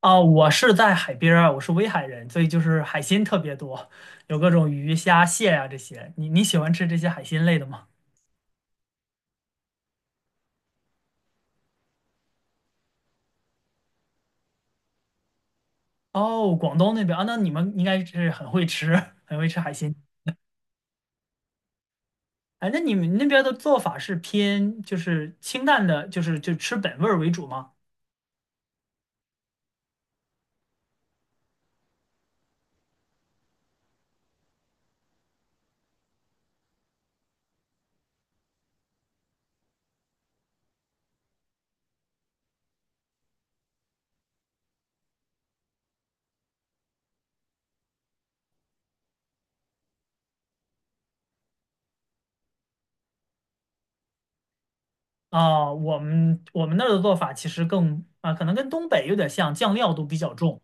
啊，我是在海边儿，我是威海人，所以就是海鲜特别多，有各种鱼虾蟹啊这些。你喜欢吃这些海鲜类的吗？哦，广东那边啊，那你们应该是很会吃，很会吃海鲜。哎，那你们那边的做法是偏就是清淡的，就是就吃本味儿为主吗？啊，我们那儿的做法其实更啊，可能跟东北有点像，酱料都比较重。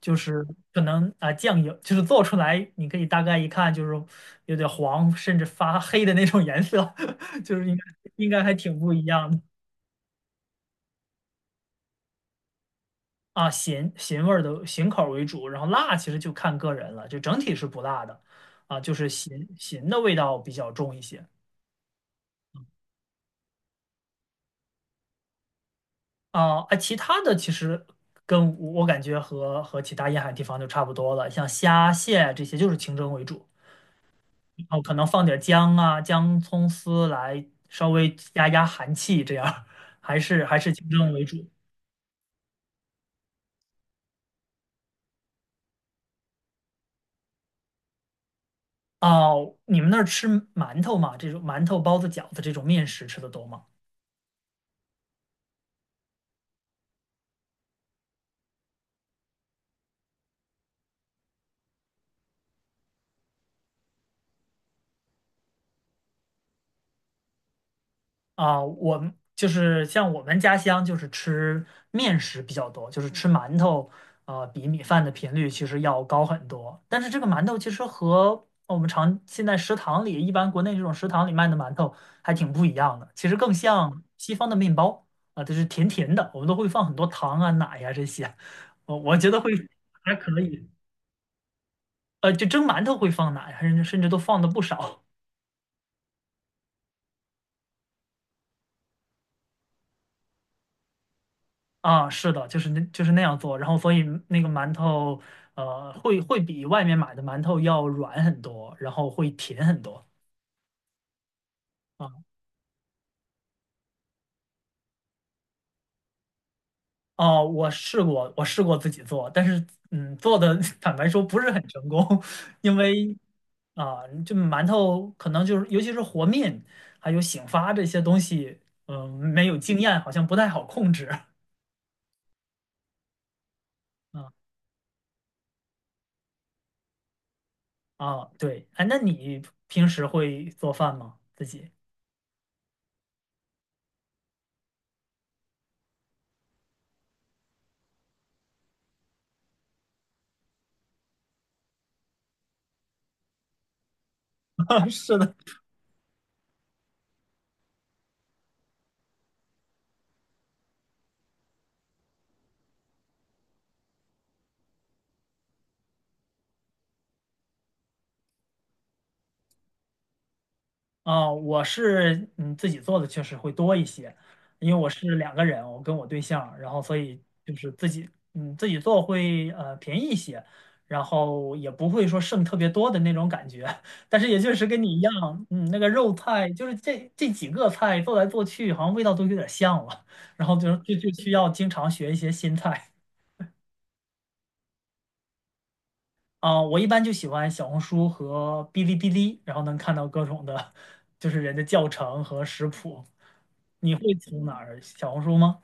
就是可能啊、酱油就是做出来，你可以大概一看就是有点黄，甚至发黑的那种颜色，就是应该还挺不一样的啊。咸咸味儿的咸口儿为主，然后辣其实就看个人了，就整体是不辣的啊，就是咸咸的味道比较重一些啊。啊，其他的其实跟我感觉和其他沿海地方就差不多了，像虾蟹这些就是清蒸为主。哦，可能放点姜啊、姜、葱丝来稍微压压寒气，这样还是清蒸为主。哦，你们那儿吃馒头吗？这种馒头、包子、饺子这种面食吃的多吗？啊，我们就是像我们家乡就是吃面食比较多，就是吃馒头，比米饭的频率其实要高很多。但是这个馒头其实和我们常现在食堂里一般国内这种食堂里卖的馒头还挺不一样的，其实更像西方的面包啊，就是甜甜的，我们都会放很多糖啊、奶呀、这些，我觉得会还可以，就蒸馒头会放奶，还甚至都放的不少。啊，是的，就是那就是那样做，然后所以那个馒头，会比外面买的馒头要软很多，然后会甜很多啊。哦，我试过，我试过自己做，但是做的 坦白说不是很成功，因为啊，就馒头可能就是尤其是和面还有醒发这些东西，没有经验，好像不太好控制。啊啊，对，哎，那你平时会做饭吗？自己？是的。啊，我是自己做的确实会多一些，因为我是两个人，我跟我对象，然后所以就是自己做会便宜一些，然后也不会说剩特别多的那种感觉，但是也确实跟你一样，那个肉菜就是这几个菜做来做去，好像味道都有点像了，然后就需要经常学一些新菜。啊、我一般就喜欢小红书和哔哩哔哩，然后能看到各种的，就是人的教程和食谱。你会从哪儿？小红书吗？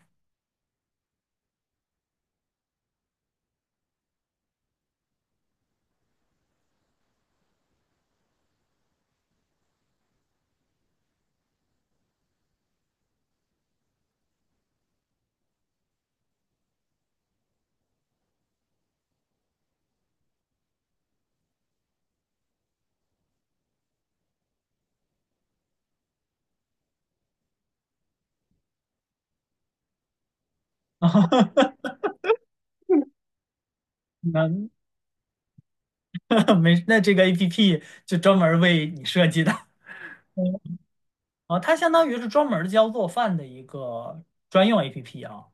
啊，那 没，那这个 APP 就专门儿为你设计的 啊，它相当于是专门儿教做饭的一个专用 APP 啊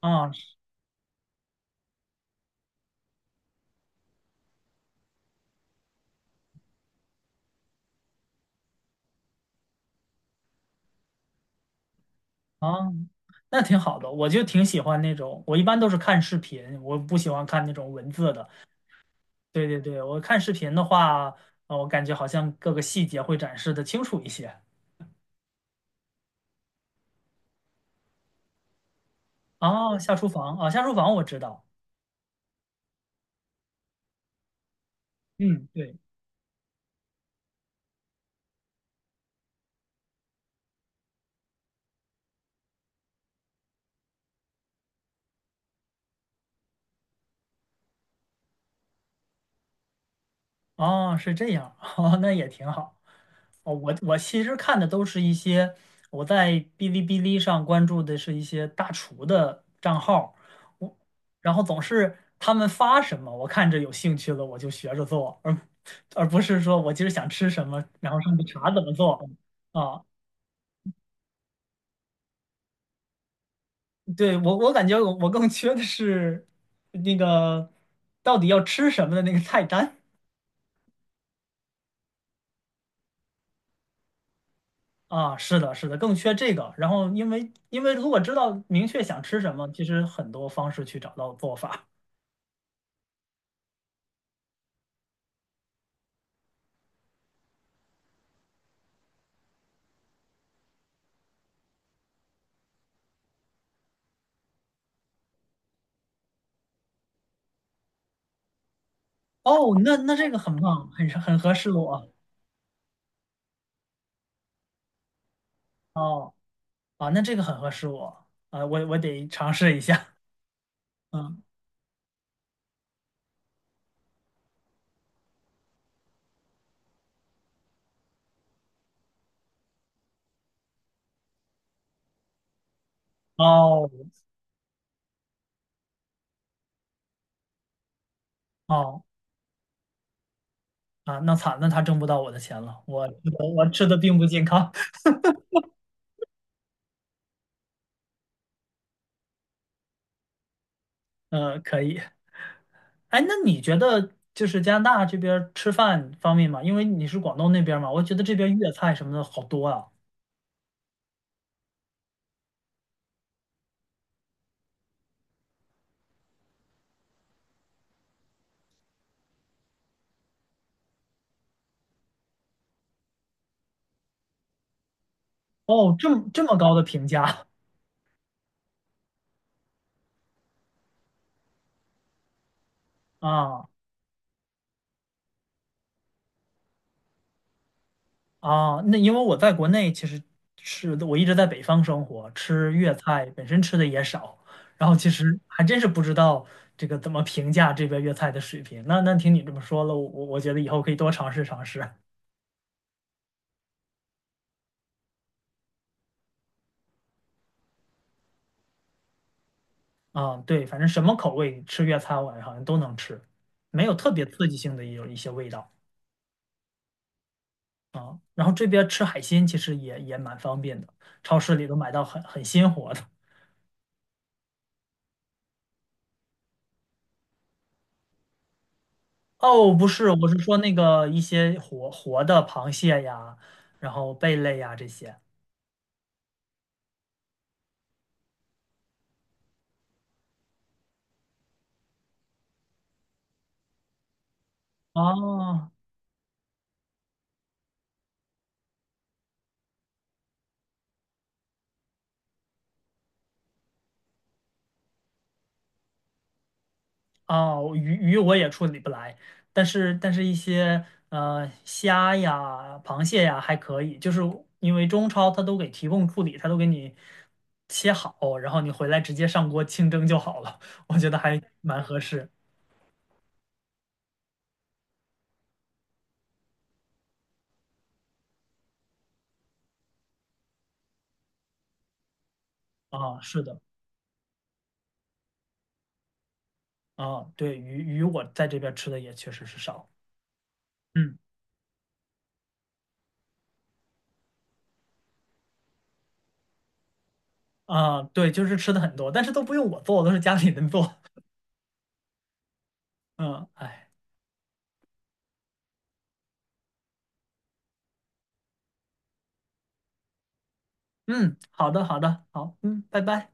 啊啊，那挺好的，我就挺喜欢那种，我一般都是看视频，我不喜欢看那种文字的，对对对，我看视频的话，我感觉好像各个细节会展示的清楚一些。啊。下厨房，啊，下厨房我知道。嗯，对，哦，是这样，哦，那也挺好。哦，我其实看的都是一些我在哔哩哔哩上关注的是一些大厨的账号，我然后总是他们发什么，我看着有兴趣了我就学着做，而不是说我今儿想吃什么，然后上去查怎么做啊。对，我感觉我更缺的是那个到底要吃什么的那个菜单啊，是的，是的，更缺这个。然后因为如果知道明确想吃什么，其实很多方式去找到做法。哦，那这个很棒，很合适我。哦啊，那这个很合适我啊，我得尝试一下。嗯，哦哦啊，那惨，那他挣不到我的钱了，我吃的并不健康。嗯，可以。哎，那你觉得就是加拿大这边儿吃饭方面嘛？因为你是广东那边儿嘛，我觉得这边粤菜什么的好多啊。哦，这么这么高的评价 啊啊！那因为我在国内其实吃的，我一直在北方生活，吃粤菜本身吃的也少，然后其实还真是不知道这个怎么评价这边粤菜的水平。那听你这么说了，我觉得以后可以多尝试尝试啊。对，反正什么口味吃粤菜，我好像都能吃，没有特别刺激性的有一些味道。然后这边吃海鲜其实也蛮方便的，超市里都买到很鲜活的。哦，不是，我是说那个一些活活的螃蟹呀，然后贝类呀这些。哦哦，鱼我也处理不来，但是一些虾呀、螃蟹呀还可以，就是因为中超它都给提供处理，它都给你切好，然后你回来直接上锅清蒸就好了，我觉得还蛮合适啊。是的。啊，对，鱼我在这边吃的也确实是少，嗯，啊，对，就是吃的很多，但是都不用我做，都是家里人做，嗯，哎，嗯，好的，好的，好，嗯，拜拜。